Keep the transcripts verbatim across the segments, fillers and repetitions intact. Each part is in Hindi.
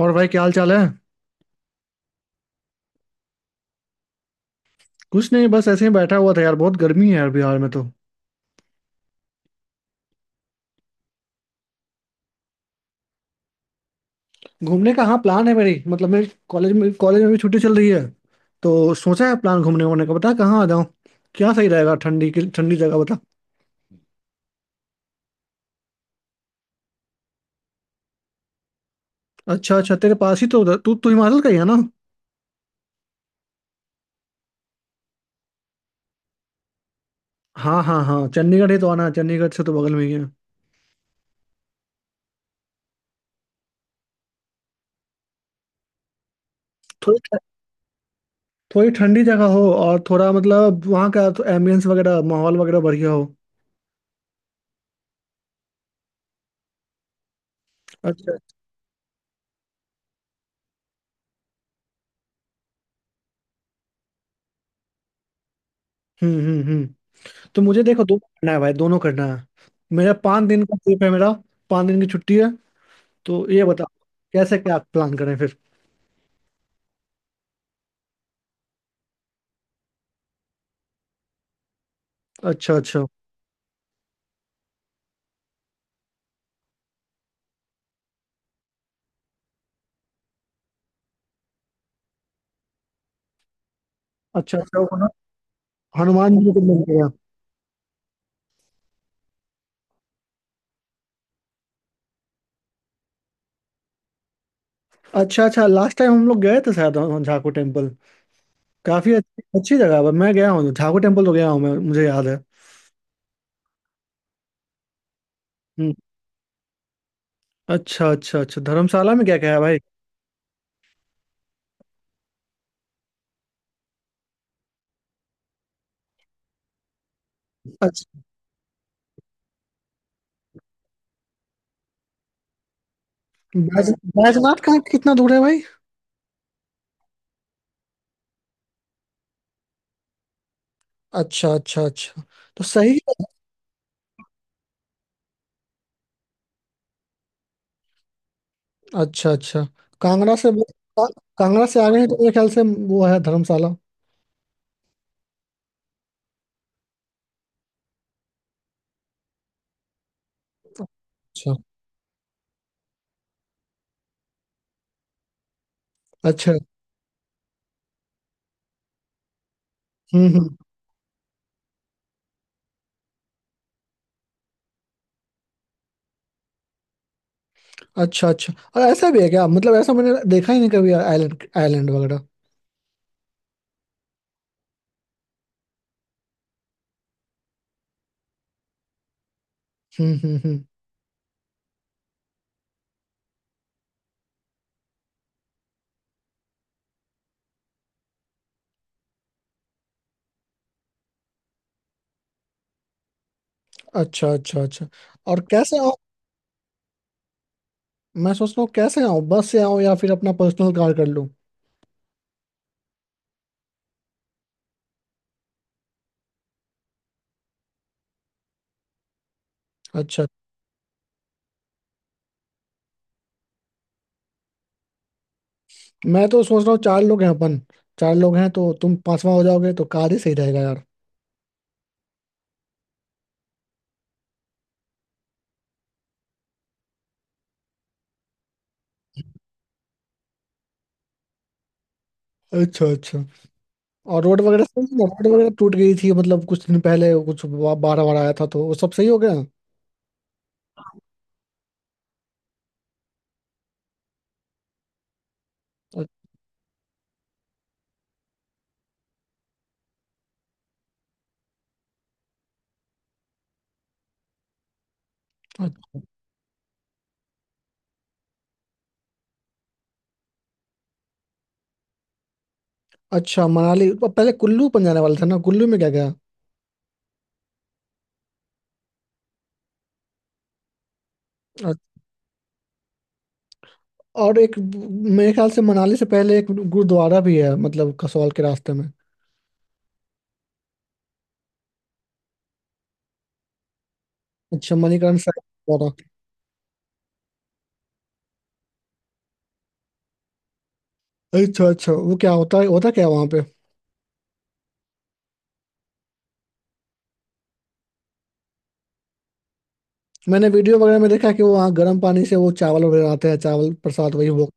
और भाई क्या हाल चाल है। कुछ नहीं, बस ऐसे ही बैठा हुआ था यार, बहुत गर्मी है यार बिहार में तो। घूमने का हाँ प्लान है मेरी, मतलब मेरे कॉलेज में, कॉलेज में भी छुट्टी चल रही है तो सोचा है प्लान घूमने वूमने का। बता कहाँ आ जाऊँ, क्या सही रहेगा। ठंडी की ठंडी जगह बता। अच्छा अच्छा, तेरे पास ही तो उधर- तू तू हिमाचल का ही है ना। हाँ हाँ हाँ, चंडीगढ़ ही तो आना है, चंडीगढ़ से तो बगल में ही है। थोड़ी ठ- थोड़ी ठंडी जगह हो, और थोड़ा मतलब वहाँ का तो एम्बियंस वगैरह, माहौल वगैरह बढ़िया हो। अच्छा। हम्म हम्म हम्म। तो मुझे देखो दोनों करना है भाई, दोनों करना है। मेरा पाँच दिन का ट्रिप है मेरा, पाँच दिन की छुट्टी है। तो ये बताओ कैसे क्या प्लान करें फिर। अच्छा अच्छा अच्छा। अच्छा वो ना, हनुमान जी को मिल गया। अच्छा अच्छा, लास्ट टाइम हम लोग गए थे शायद वहाँ झाकू टेम्पल, काफी अच्छी अच्छी जगह है। मैं गया हूँ झाकू टेम्पल, तो गया हूँ मैं, मुझे याद है। हम्म। अच्छा अच्छा अच्छा, धर्मशाला में क्या क्या है भाई। अच्छा। बैज- बैजनाथ का कितना दूर है भाई। अच्छा अच्छा अच्छा, तो सही। अच्छा अच्छा, कांगड़ा से का, कांगड़ा से आगे है तो मेरे ख्याल से वो है धर्मशाला। अच्छा अच्छा। हम्म हम्म। अच्छा अच्छा, और ऐसा भी है क्या? मतलब ऐसा मैंने देखा ही नहीं कभी, आइलैंड आइलैंड वगैरह। हम्म हम्म हम्म। अच्छा अच्छा अच्छा, और कैसे आऊँ? मैं सोच रहा हूँ कैसे आऊँ, बस से आऊँ या फिर अपना पर्सनल कार कर लूँ? अच्छा। मैं तो सोच रहा हूँ चार लोग हैं अपन, चार लोग हैं तो तुम पांचवा हो जाओगे तो कार ही सही रहेगा यार। अच्छा अच्छा, और रोड वगैरह सही है? रोड वगैरह टूट गई थी मतलब कुछ दिन पहले, कुछ बाढ़ वार आया था तो वो सब सही हो गया? अच्छा अच्छा, मनाली, अब पहले कुल्लू पर जाने वाले थे ना, कुल्लू में क्या गया? अ- और एक मेरे ख्याल से मनाली से पहले एक गुरुद्वारा भी है मतलब कसौल के रास्ते में। अच्छा मणिकरण साहिब गुरुद्वारा। अच्छा अच्छा, वो क्या होता है, होता क्या है वहाँ पे? मैंने वीडियो वगैरह में देखा है कि वो वहाँ गर्म पानी से वो चावल वगैरह आते हैं, चावल प्रसाद वही वो।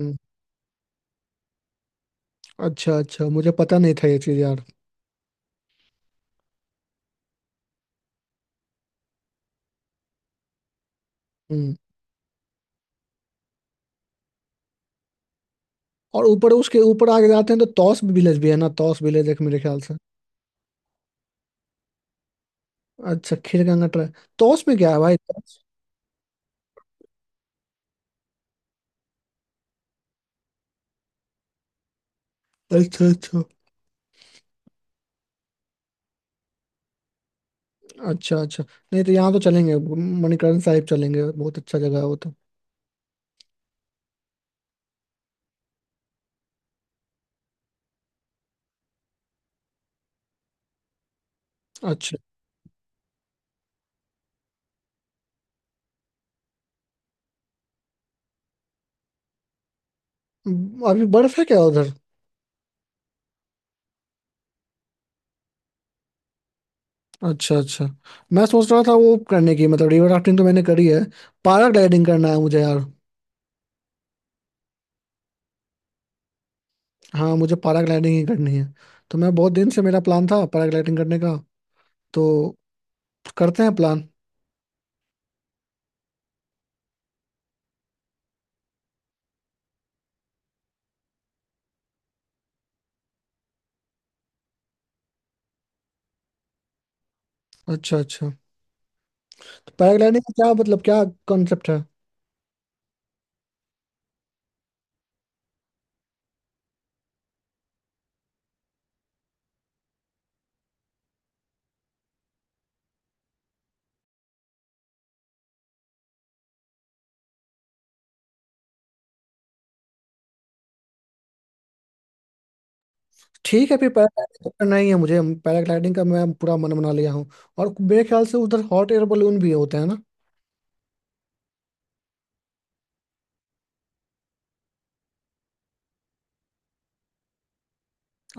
हम्म, अच्छा अच्छा, मुझे पता नहीं था ये चीज़ यार। हम्म। और ऊपर, उसके ऊपर आगे जाते हैं तो तौस विलेज भी है ना, तौस विलेज, एक मेरे ख्याल से। अच्छा खीरगंगा ट्राई। तौस में क्या है भाई, तौस। अच्छा अच्छा अच्छा। अच्छा नहीं तो यहाँ तो चलेंगे, मणिकरण साहिब चलेंगे, बहुत अच्छा जगह है वो तो। अच्छा, अभी बर्फ है क्या उधर? अच्छा अच्छा, मैं सोच रहा था वो करने की, मतलब रिवर राफ्टिंग तो मैंने करी है, पैराग्लाइडिंग करना है मुझे यार। हाँ मुझे पैराग्लाइडिंग ही करनी है, तो मैं बहुत दिन से, मेरा प्लान था पैराग्लाइडिंग करने का तो। करते हैं प्लान। अच्छा अच्छा, पैराग्लाइडिंग का क्या मतलब, क्या कॉन्सेप्ट है? ठीक है, फिर पैराग्लाइडिंग करना ही है मुझे, पैराग्लाइडिंग का मैं पूरा मन बना लिया हूँ। और मेरे ख्याल से उधर हॉट एयर बलून भी होते हैं ना?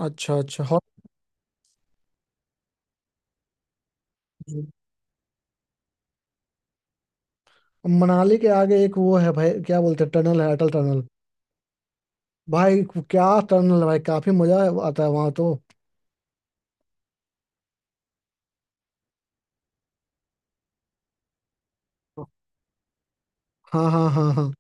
अच्छा अच्छा हॉट। मनाली के आगे एक वो है भाई, क्या बोलते हैं, टनल है अटल टनल भाई। क्या टनल है भाई, काफी मजा आता है वहां तो। हाँ हाँ हाँ हाँ।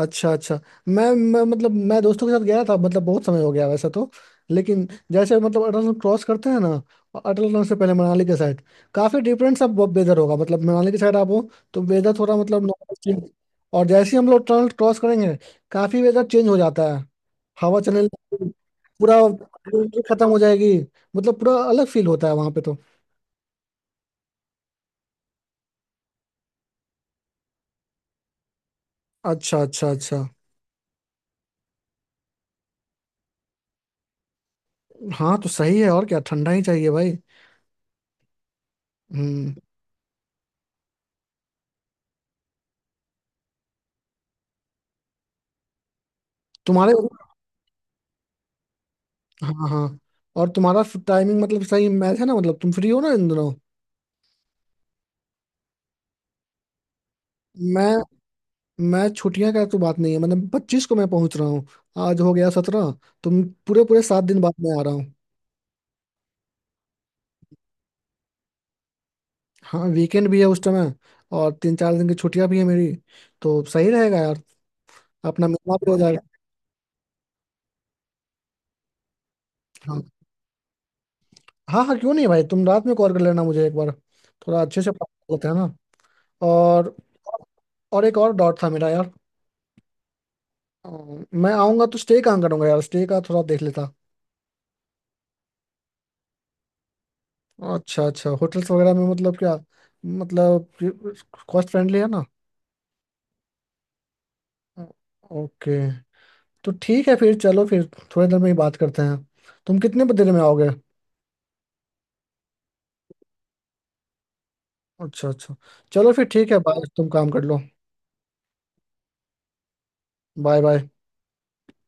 अच्छा अच्छा, मैं, मैं मतलब मैं दोस्तों के साथ गया था, मतलब बहुत समय हो गया वैसे तो, लेकिन जैसे मतलब अटल टनल क्रॉस करते हैं ना, अटल टनल से पहले मनाली के साइड काफी डिफरेंट सा वेदर होगा। मतलब मनाली के साइड आप हो तो वेदर थोड़ा मतलब normal चेंज, और जैसे ही हम लोग टनल क्रॉस करेंगे काफी वेदर चेंज हो जाता है, हवा चलने लगती है, पूरा winter खत्म हो जाएगी, मतलब पूरा अलग फील होता है वहां पे तो। अच्छा अच्छा अच्छा, हाँ तो सही है, और क्या, ठंडा ही चाहिए भाई। हम्म। तुम्हारे, हाँ हाँ, और तुम्हारा टाइमिंग मतलब सही मैच है ना, मतलब तुम फ्री हो ना इन दिनों? मैं मैं छुट्टियां का तो बात नहीं है, मतलब पच्चीस को मैं पहुंच रहा हूँ, आज हो गया सत्रह, तुम पूरे पूरे सात दिन बाद मैं आ रहा हूँ। हाँ वीकेंड भी है उस समय, और तीन चार दिन की छुट्टियां भी है मेरी, तो सही रहेगा यार, अपना मिलना भी हो जाएगा। हाँ हाँ हाँ, क्यों नहीं भाई, तुम रात में कॉल कर लेना मुझे एक बार, थोड़ा अच्छे से बात होता है ना। और और एक और डॉट था मेरा यार। अ, मैं आऊँगा तो स्टे कहाँ करूँगा यार, स्टे का थोड़ा देख लेता। अच्छा अच्छा, होटल्स वगैरह में मतलब क्या, मतलब कॉस्ट फ्रेंडली है ना? ओके, तो ठीक है, फिर चलो फिर थोड़ी देर में ही बात करते हैं। तुम कितने देर में आओगे? अच्छा अच्छा, चलो फिर ठीक है, बाय, तुम काम कर लो। Bye bye.